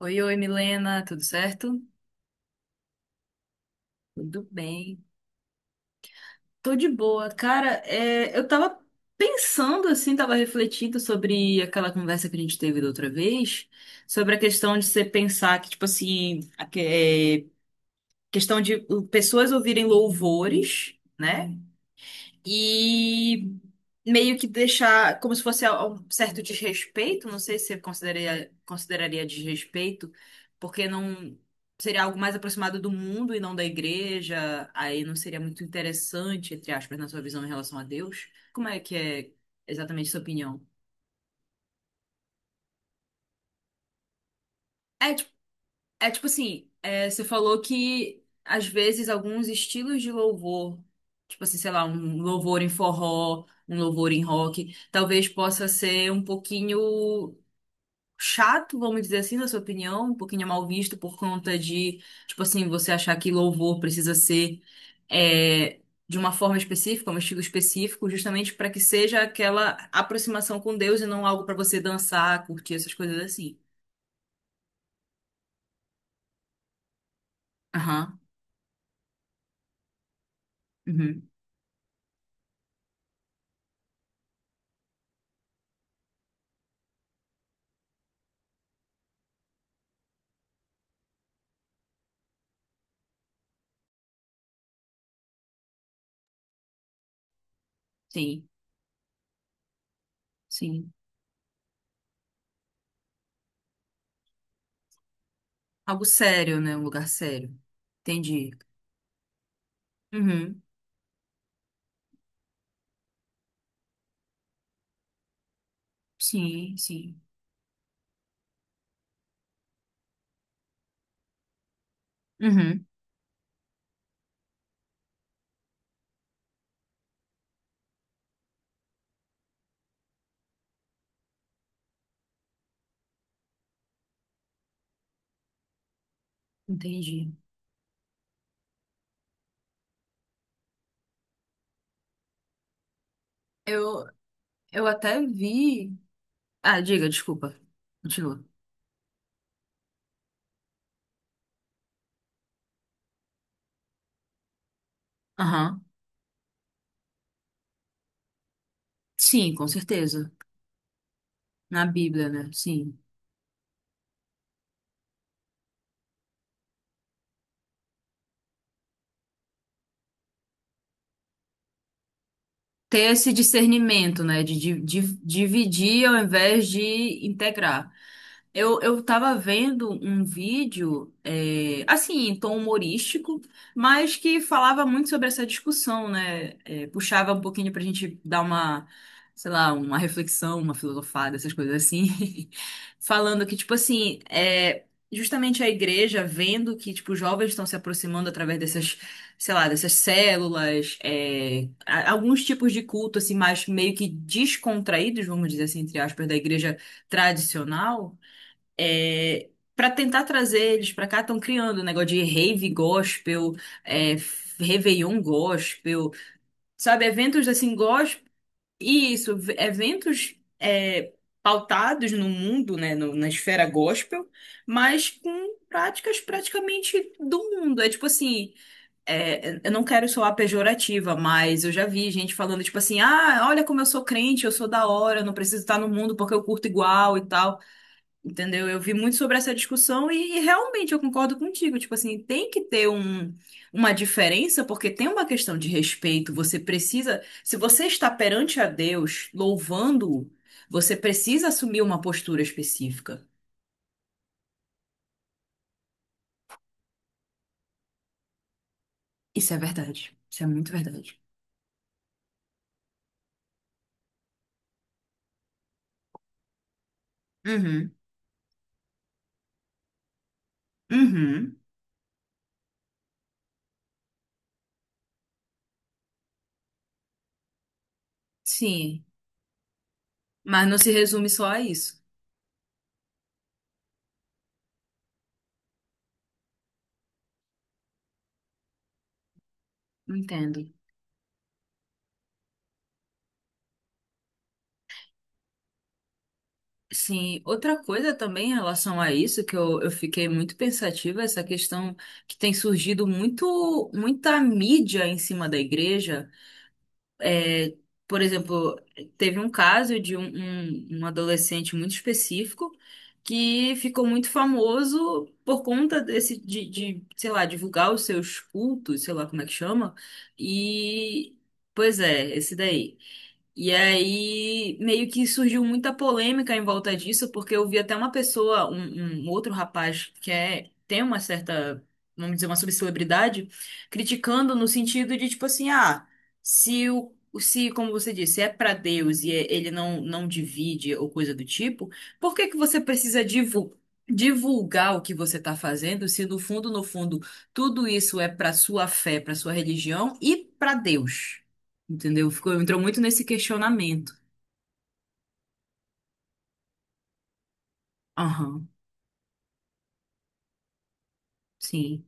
Oi, oi, Milena, tudo certo? Tudo bem. Tô de boa. Cara, eu tava pensando assim, tava refletindo sobre aquela conversa que a gente teve da outra vez, sobre a questão de você pensar que, tipo assim, é, questão de pessoas ouvirem louvores, né? E meio que deixar como se fosse um certo desrespeito, não sei se você consideraria, consideraria desrespeito, porque não seria algo mais aproximado do mundo e não da igreja, aí não seria muito interessante, entre aspas, na sua visão em relação a Deus. Como é que é exatamente a sua opinião? É É tipo assim, você falou que às vezes alguns estilos de louvor, tipo assim, sei lá, um louvor em forró, um louvor em rock, talvez possa ser um pouquinho chato, vamos dizer assim, na sua opinião, um pouquinho mal visto por conta de, tipo assim, você achar que louvor precisa ser é, de uma forma específica, um estilo específico, justamente para que seja aquela aproximação com Deus e não algo para você dançar, curtir essas coisas assim. Aham, uhum, sim, sim. Algo sério, né? Um lugar sério. Entendi. Uhum. Sim, sim. Uhum. Entendi. Eu, eu até vi. Ah, diga, desculpa. Continua. Aham. Sim, com certeza. Na Bíblia, né? Sim. Ter esse discernimento, né? De, dividir ao invés de integrar. Eu tava vendo um vídeo, assim, em tom humorístico, mas que falava muito sobre essa discussão, né? É, puxava um pouquinho pra gente dar uma, sei lá, uma reflexão, uma filosofada, essas coisas assim. Falando que, tipo assim, justamente a igreja vendo que, tipo, os jovens estão se aproximando através dessas, sei lá, dessas células, alguns tipos de culto, assim, mais meio que descontraídos, vamos dizer assim, entre aspas, da igreja tradicional para tentar trazer eles para cá, estão criando um negócio de rave gospel, Réveillon gospel, sabe, eventos assim gospel, e isso, eventos pautados no mundo, né, na esfera gospel, mas com práticas praticamente do mundo. É tipo assim, eu não quero soar pejorativa, mas eu já vi gente falando tipo assim, ah, olha como eu sou crente, eu sou da hora, eu não preciso estar no mundo porque eu curto igual e tal. Entendeu? Eu vi muito sobre essa discussão e realmente eu concordo contigo. Tipo assim, tem que ter uma diferença, porque tem uma questão de respeito. Você precisa, se você está perante a Deus, louvando-o, você precisa assumir uma postura específica. Isso é verdade. Isso é muito verdade. Uhum. Uhum. Sim. Mas não se resume só a isso. Entendo. Sim, outra coisa também em relação a isso, que eu fiquei muito pensativa, essa questão que tem surgido muito, muita mídia em cima da igreja. É, por exemplo, teve um caso de um adolescente muito específico que ficou muito famoso por conta desse, sei lá, divulgar os seus cultos, sei lá como é que chama. E, pois é, esse daí. E aí, meio que surgiu muita polêmica em volta disso, porque eu vi até uma pessoa, um outro rapaz que é, tem uma certa, vamos dizer, uma subcelebridade, criticando no sentido de, tipo assim, ah, se o Se, como você disse, é pra Deus e ele não, não divide ou coisa do tipo, por que que você precisa divulgar o que você tá fazendo, se no fundo, no fundo, tudo isso é pra sua fé, pra sua religião e pra Deus? Entendeu? Ficou, entrou muito nesse questionamento. Aham, sim,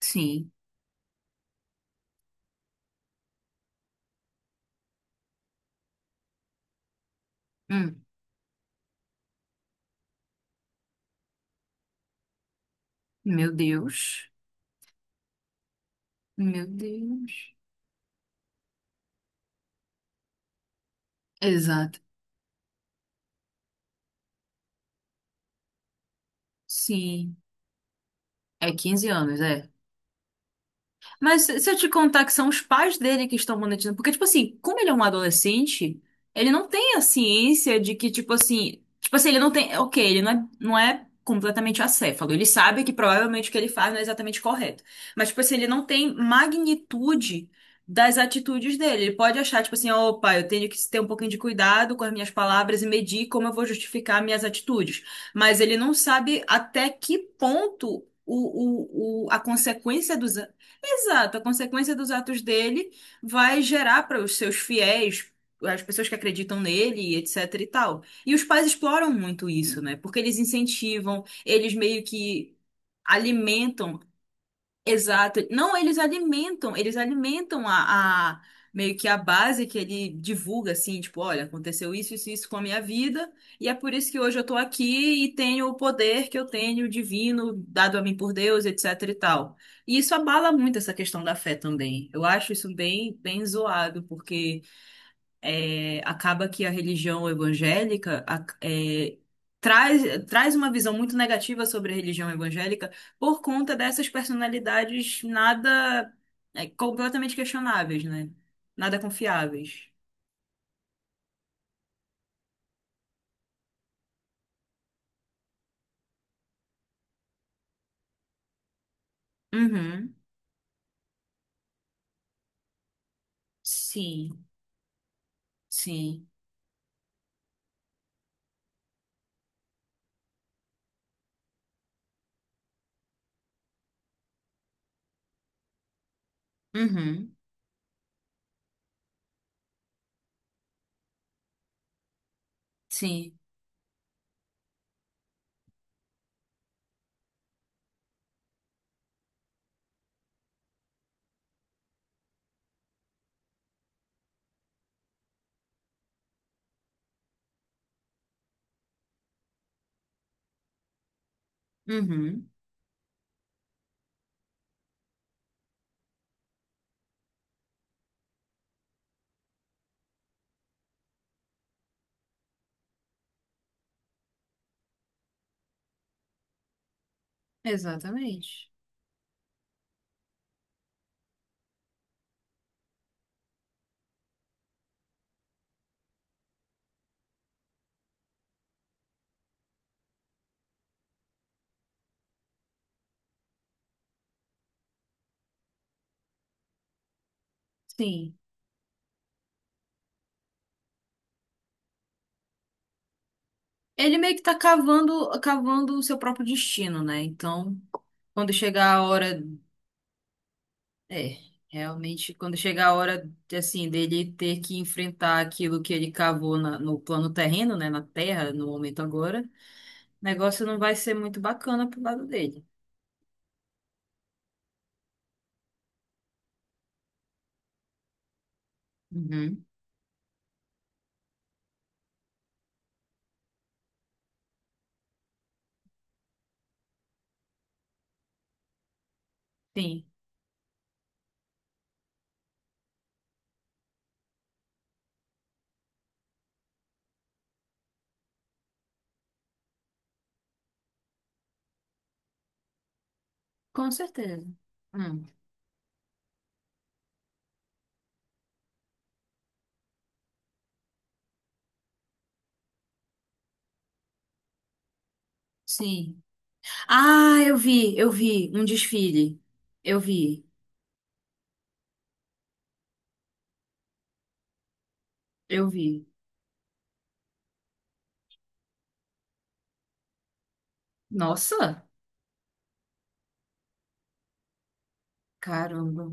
sim. Hum, meu Deus, meu Deus. Exato. Sim, é 15 anos, é. Mas se eu te contar que são os pais dele que estão monetizando, porque, tipo assim, como ele é um adolescente, ele não tem a ciência de que, ele não tem, ok, ele não é, não é completamente acéfalo, ele sabe que provavelmente o que ele faz não é exatamente correto, mas, tipo assim, ele não tem magnitude das atitudes dele, ele pode achar, tipo assim, opa, eu tenho que ter um pouquinho de cuidado com as minhas palavras e medir como eu vou justificar minhas atitudes, mas ele não sabe até que ponto a consequência dos, Exato, a consequência dos atos dele vai gerar para os seus fiéis, as pessoas que acreditam nele, etc e tal. E os pais exploram muito isso, né? Porque eles incentivam, eles meio que alimentam Exato. Não, eles alimentam meio que a base que ele divulga, assim, tipo, olha, aconteceu isso, isso, isso com a minha vida, e é por isso que hoje eu tô aqui e tenho o poder que eu tenho, divino, dado a mim por Deus, etc e tal. E isso abala muito essa questão da fé também. Eu acho isso bem, bem zoado, porque é, acaba que a religião evangélica traz, traz uma visão muito negativa sobre a religião evangélica por conta dessas personalidades nada completamente questionáveis, né? Nada confiáveis. Uhum. Sim, sim. Uhum. Sim. Uhum. Exatamente. Sim. Ele meio que tá cavando, cavando o seu próprio destino, né? Então, quando chegar a hora É, realmente, quando chega a hora, assim, dele ter que enfrentar aquilo que ele cavou no plano terreno, né, na terra, no momento agora, o negócio não vai ser muito bacana pro lado dele. Uhum. Sim, com certeza. Hum, sim. Ah, eu vi um desfile. Eu vi, eu vi. Nossa, caramba.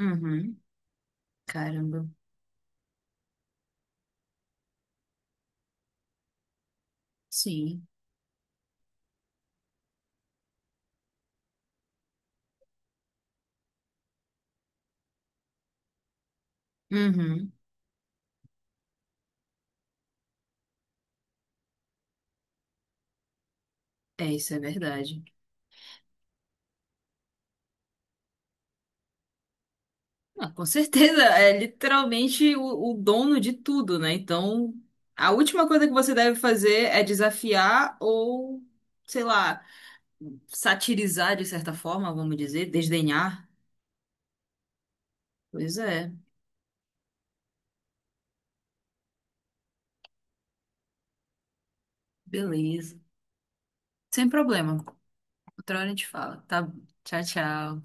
Uhum, caramba. Sim. Uhum. É, isso é verdade. Não, com certeza, é literalmente o dono de tudo, né? Então, a última coisa que você deve fazer é desafiar ou, sei lá, satirizar de certa forma, vamos dizer, desdenhar. Pois é, beleza. Sem problema. Outra hora a gente fala, tá? Tchau, tchau.